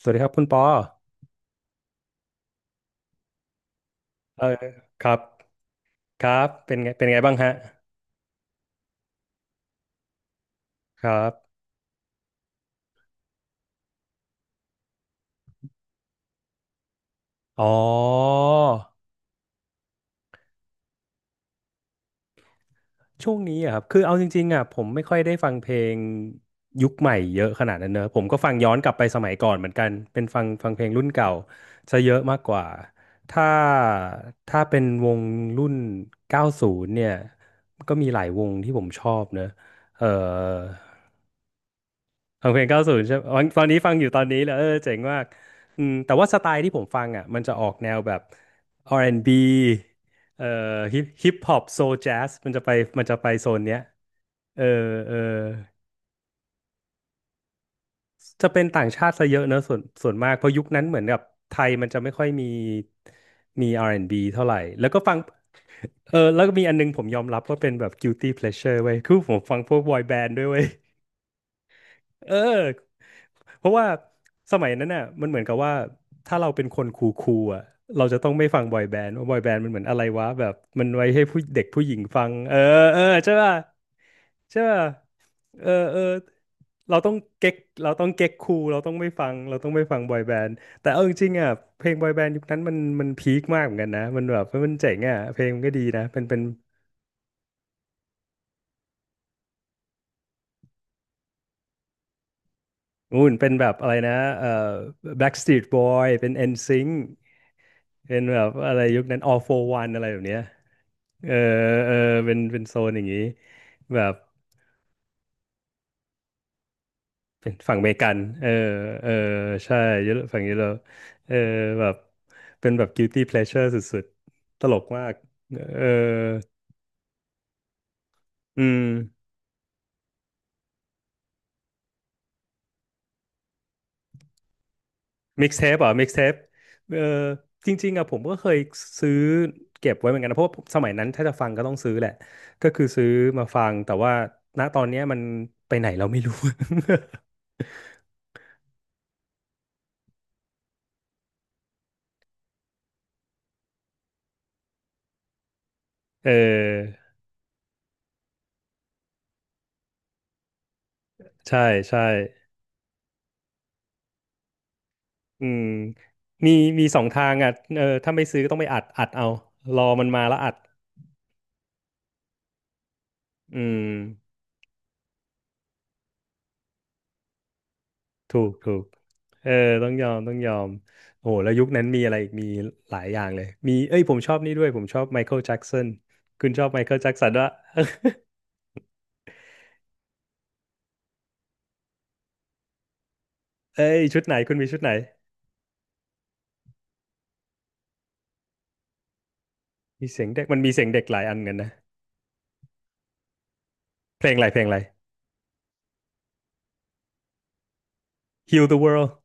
สวัสดีครับคุณปอเออครับครับเป็นไงเป็นไงบ้างฮะครับอ๋อช่วงนี้อะครับคือเอาจริงๆอ่ะผมไม่ค่อยได้ฟังเพลงยุคใหม่เยอะขนาดนั้นเนอะผมก็ฟังย้อนกลับไปสมัยก่อนเหมือนกันเป็นฟังเพลงรุ่นเก่าซะเยอะมากกว่าถ้าถ้าเป็นวงรุ่น90เนี่ยก็มีหลายวงที่ผมชอบเนอะเออ ฟังเพลงเก้าศูนย์ใช่ไหมอ๋อตอนนี้ฟังอยู่ตอนนี้เลยเออเจ๋งมากอืมแต่ว่าสไตล์ที่ผมฟังอ่ะมันจะออกแนวแบบ R&B เอ่อฮิปฮอปโซแจ๊สมันจะไปโซนเนี้ยเออเออจะเป็นต่างชาติซะเยอะเนอะส่วนมากเพราะยุคนั้นเหมือนกับไทยมันจะไม่ค่อยมี R&B เท่าไหร่ แล้วก็ฟังเออแล้วก็มีอันนึงผมยอมรับว่าเป็นแบบ guilty pleasure เว้ยคือผมฟังพวกบอยแบนด์ด้วยเว้ยเออ เพราะว่าสมัยนั้นน่ะมันเหมือนกับว่าถ้าเราเป็นคนคูลๆอ่ะเราจะต้องไม่ฟังบอยแบนด์ว่าบอยแบนด์มันเหมือนอะไรวะแบบมันไว้ให้ผู้เด็กผู้หญิงฟังเออเออใช่ป่ะใช่ป่ะเออเออเราต้องเก๊กเราต้องเก๊กคูลเราต้องไม่ฟังเราต้องไม่ฟังบอยแบนด์แต่เอาจริงๆอ่ะเพลงบอยแบนด์ยุคนั้นมันพีคมากเหมือนกันนะมันแบบมันเจ๋งอ่ะเพลงมันก็ดีนะเป็นนู่นเป็นแบบอะไรนะเอ่อ Backstreet Boy เป็น NSYNC เป็นแบบอะไรยุคนั้น all for one อะไรแบบเนี้ยเออเออเป็นโซนอย่างนี้แบบเป็นฝั่งอเมริกันเออเออใช่ยุโรปฝั่งยุโรปเออแบบเป็นแบบ guilty pleasure สุดๆ ตลกมากเอออืม mixtape อ่ะ mixtape เออจริงๆอะผมก็เคยซื้อเก็บไว้เหมือนกันนะเพราะว่าสมัยนั้นถ้าจะฟังก็ต้องซื้อแหละ ก็คือซื้อมาฟังแต่ว่าณตอนเนี้ยมันไปไหนเราไม่รู้ เออ ใช่ใช่อืมมีมีสองทางอ่ะเออถ้าไม่ซื้อก็ต้องไปอัดเอา รอมันมาแล้วอัดอืมถูกถูกเออต้องยอมต้องยอมโอ้โหแล้วยุคนั้นมีอะไรอีกมีหลายอย่างเลย มี เอ้ย ผมชอบนี่ด้วย ผมชอบไมเคิลแจ็กสันคุณชอบไมเคิลแจ็กสันด้วะเอ้ย ชุดไหนคุณมีชุดไหนมีเสียงเด็กมันมีเสียงเด็กหลายอันกันนะ เพลงอะไรเพลงอะไร Heal the World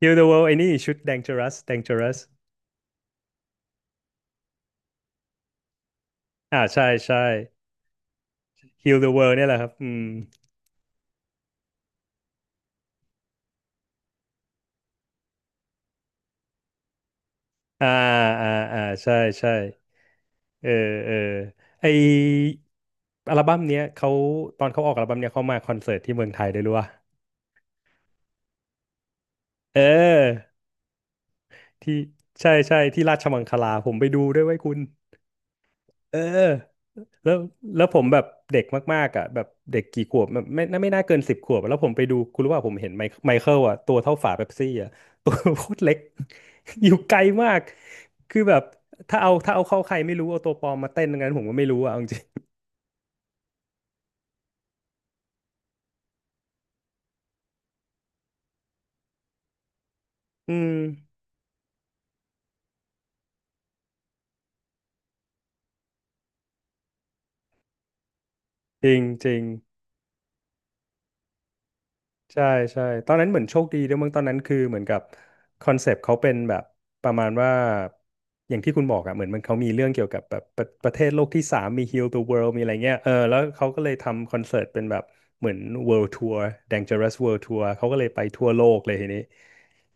Heal the World ไอ้นี่ชุด Dangerous อ่าใช่ใช่ Heal the World เนี่ยแหละครับอืม อ่าอ่าอ่าใช่ใช่เออเออไออัลบั้มเนี้ยเขาตอนเขาออกอัลบั้มเนี้ยเขามาคอนเสิร์ตที่เมืองไทยด้วยรู้ป่ะเออที่ใช่ใช่ที่ราชมังคลาผมไปดูด้วยไว้ยคุณเออแล้วแล้วผมแบบเด็กมากๆอ่ะแบบเด็กกี่ขวบแบบไม่น่าเกิน10 ขวบแล้วผมไปดูคุณรู้ว่าผมเห็นไมค์ไมเคิลอ่ะตัวเท่าฝาเป๊ปซี่อ่ะ ตัวโคตรเล็ก อยู่ไกลมากคือแบบถ้าเอาเข้าใครไม่รู้เอาตัวปลอมมาเต้นตรงนั้นผมก็ไม่รู้อ่ะเอาจริงๆอืม จริงจริงใช่ใช่ตอนนั้นเหมือนโชคดีด้วยมั้งตอนนั้นคือเหมือนกับคอนเซปต์เขาเป็นแบบประมาณว่าอย่างที่คุณบอกอะเหมือนมันเขามีเรื่องเกี่ยวกับแบบประเทศโลกที่สามมี Heal the World มีอะไรเงี้ยเออแล้วเขาก็เลยทำคอนเสิร์ตเป็นแบบเหมือน World Tour Dangerous World Tour เขาก็เลยไปทั่วโลกเลยทีนี้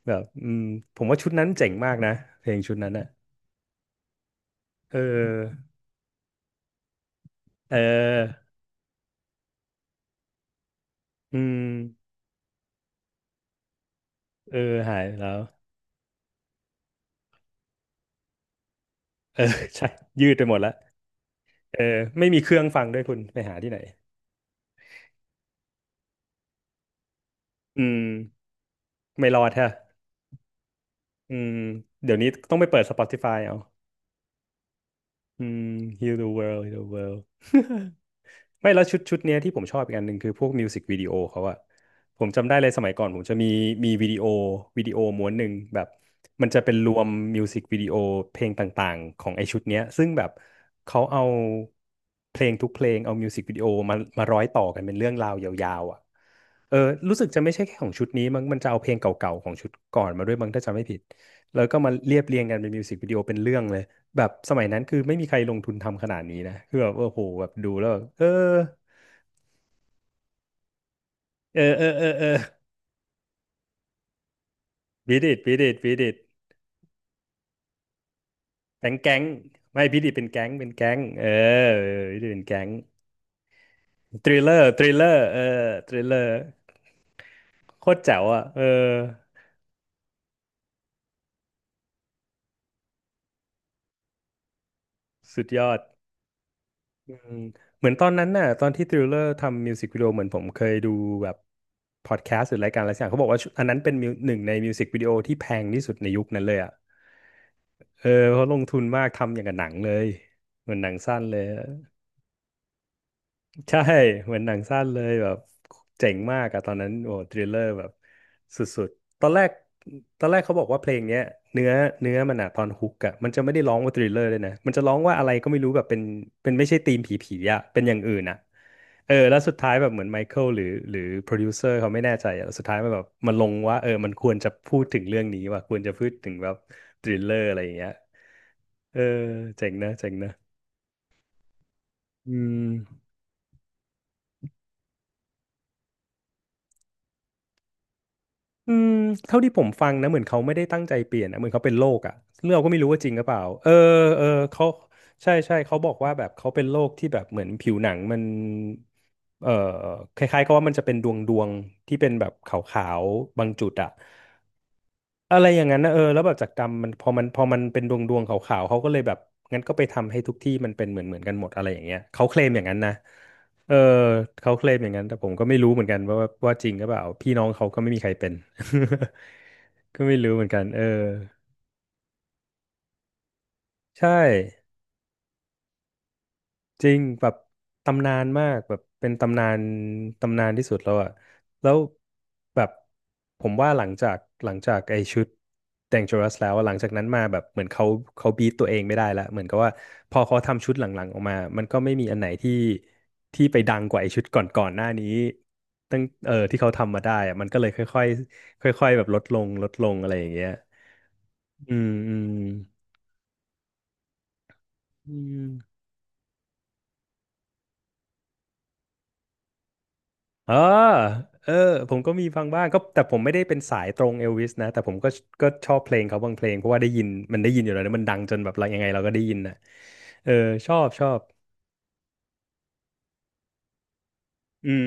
แบบอืมผมว่าชุดนั้นเจ๋งมากนะเพลงชุดนั้นอะเออเอออืมเออหายไปแล้วเออ ใช่ยืดไปหมดแล้วเออไม่มีเครื่องฟังด้วยคุณไปหาที่ไหน อืมไม่รอดฮะอืมเดี๋ยวนี้ต้องไปเปิด Spotify เอาอืม Heal the world Heal the world ไม่แล้วชุดเนี้ยที่ผมชอบอีกอันหนึ่งคือพวกมิวสิกวิดีโอเขาอะผมจำได้เลยสมัยก่อนผมจะมีวิดีโอม้วนหนึ่งแบบมันจะเป็นรวมมิวสิกวิดีโอเพลงต่างๆของไอชุดเนี้ยซึ่งแบบเขาเอาเพลงทุกเพลงเอามิวสิกวิดีโอมาร้อยต่อกันเป็นเรื่องราวยาวๆอะเออรู้สึกจะไม่ใช่แค่ของชุดนี้มั้งมันจะเอาเพลงเก่าๆของชุดก่อนมาด้วยมั้งถ้าจำไม่ผิดแล้วก็มาเรียบเรียงกันเป็นมิวสิกวิดีโอเป็นเรื่องเลย แบบสมัยนั้นคือไม่มีใครลงทุนทำขนาดนี้นะคือแบบโอ้โหแบบดูแล้วแบบเออเออเออเออเออบีดิดบีดิดบีดิดแก๊งแก๊งไม่บีดิดเป็นแก๊งเป็นแก๊งเออบีดิดเป็นแก๊งทริลเลอร์ทริลเลอร์เออทริลเลอร์โคตรแจ๋วอ่ะเออสุดยอดอืมเหมือนตอนนั้นน่ะตอนที่ทริลเลอร์ทำมิวสิกวิดีโอเหมือนผมเคยดูแบบพอดแคสต์หรือรายการอะไรสักอย่างเขาบอกว่าชุดอันนั้นเป็นมิวหนึ่งในมิวสิกวิดีโอที่แพงที่สุดในยุคนั้นเลยอ่ะ เออเพราะลงทุนมากทำอย่างกับหนังเลยเหมือนหนังสั้นเลยอะ ใช่เหมือนหนังสั้นเลยแบบเจ๋งมากอะตอนนั้นโอ้ทริลเลอร์แบบสุดๆตอนแรกตอนแรกเขาบอกว่าเพลงเนี้ยเนื้อเนื้อมันอะตอนฮุกอะมันจะไม่ได้ร้องว่าทริลเลอร์เลยนะมันจะร้องว่าอะไรก็ไม่รู้แบบเป็นไม่ใช่ธีมผีๆอะเป็นอย่างอื่นอะเออแล้วสุดท้ายแบบเหมือนไมเคิลหรือโปรดิวเซอร์เขาไม่แน่ใจอะแล้วสุดท้ายมันแบบมันลงว่าเออมันควรจะพูดถึงเรื่องนี้ว่ะควรจะพูดถึงแบบทริลเลอร์อะไรอย่างเงี้ยเออเจ๋งนะเจ๋งนะอืม อืมเท่าที่ผมฟังนะเหมือนเขาไม่ได้ตั้งใจเปลี่ยนนะเหมือนเขาเป็นโรคอ่ะเรื่องเราก็ไม่รู้ว่าจริงหรือเปล่าเออเออเขาใช่ใช่เขาบอกว่าแบบเขาเป็นโรคที่แบบเหมือนผิวหนังมันเออคล้ายๆก็ว่ามันจะเป็นดวงที่เป็นแบบขาวๆบางจุดอ่ะ อะไรอย่างนั้นนะเออแล้วแบบจากกรรมมันพอมันเป็นดวงขาวๆเขาก็เลยแบบงั้นก็ไปทำให้ทุกที่มันเป็นเหมือนกันหมดอะไรอย่างเงี้ยเขาเคลมอย่างนั้นนะเออเขาเคลมอย่างนั้นแต่ผมก็ไม่รู้เหมือนกันว่าว่าจริงหรือเปล่าพี่น้องเขาก็ไม่มีใครเป็น ก็ไม่รู้เหมือนกันเออใช่ จริงแบบตำนานมากแบบเป็นตำนานตำนานที่สุดแล้วอะแล้วแบบผมว่าหลังจากไอ้ชุด Dangerous แล้วอะหลังจากนั้นมาแบบเหมือนเขาบีทตัวเองไม่ได้ละเหมือนกับว่าพอเขาทำชุดหลังๆออกมามันก็ไม่มีอันไหนที่ไปดังกว่าไอ้ชุดก่อนๆหน้านี้ตั้งเออที่เขาทำมาได้อะมันก็เลยค่อยๆค่อยๆแบบลดลงลดลงอะไรอย่างเงี้ยอืมอืมอืม เอ่เออผมก็มีฟังบ้างก็แต่ผมไม่ได้เป็นสายตรงเอลวิสนะแต่ผมก็ชอบเพลงเขาบางเพลงเพราะว่าได้ยินมันได้ยินอยู่แล้วนะมันดังจนแบบเรายังไงเราก็ได้ยินนะเออชอบชอบอืม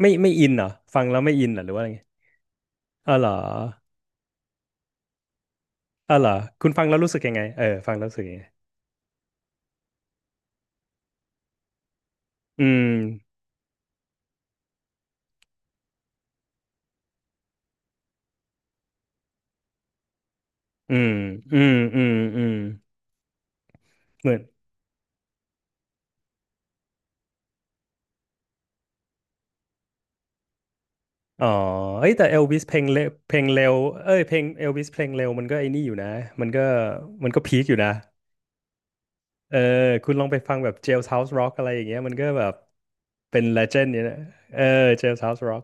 ไม่อินเหรอฟังแล้วไม่อินเหรอหรือว่าไงอ๋อเหรออ๋อเหรอคุณฟังแล้วรู้สึกยังไงเออฟังแล้วรู้สึกยังไงอืมอืมอืมอืมอืมเหมือนอ๋อเอ้ยแต่เอลวิสเพลงเร็วเอ้ยเพลงเอลวิสเพลงเร็วมันก็ไอ้นี่อยู่นะมันก็มันก็พีคอยู่นะ เออคุณลองไปฟังแบบ Jailhouse Rock อะไรอย่างเงี้ยมันก็แบบเป็น legend เนี่ยนะเออ Jailhouse Rock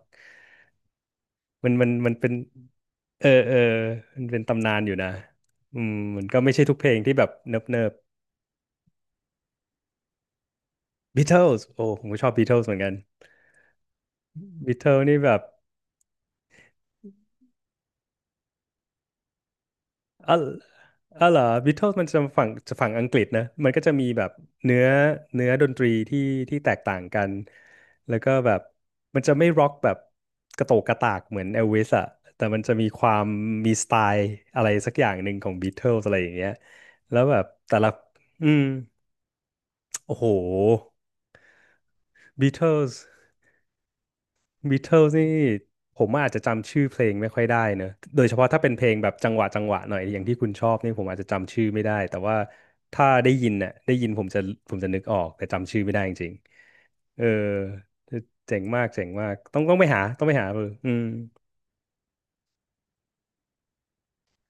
มันมันเป็นเออเออมันเป็นตำนานอยู่นะอืมมันก็ไม่ใช่ทุกเพลงที่แบบเนิบเนิบ Beatles โอ้ผมก็ชอบ Beatles เหมือนกัน Beatles นี่แบบ อ๋ออ๋อเหรอบิทเทิลมันจะฝั่งอังกฤษนะมันก็จะมีแบบเนื้อเนื้อดนตรีที่แตกต่างกัน แล้วก็แบบมันจะไม่ร็อกแบบกระโตกกระตากเหมือนเอลวิสอะแต่มันจะมีความมีสไตล์อะไรสักอย่างหนึ่งของบิทเทิลอะไรอย่างเงี้ยแล้วแบบแต่ละอืมโอ้โหบิทเทิล บิทเทิลนี่ผมอาจจะจำชื่อเพลงไม่ค่อยได้เนอะโดยเฉพาะถ้าเป็นเพลงแบบจังหวะหน่อยอย่างที่คุณชอบนี่ผมอาจจะจำชื่อไม่ได้แต่ว่าถ้าได้ยินเนี่ยได้ยินผมจะผมจะนึกออกแต่จำชื่อไม่ได้จริงๆเออเจ๋งมากเจ๋งมากต้องไปหาต้องไปหาเอออืม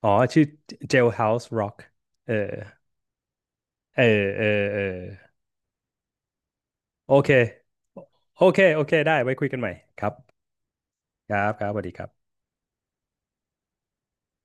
อ๋อชื่อ Jailhouse Rock เออเออเออเออโอเคโอเคโอเคได้ไว้คุยกันใหม่ครับครับครับสวัสดีครับ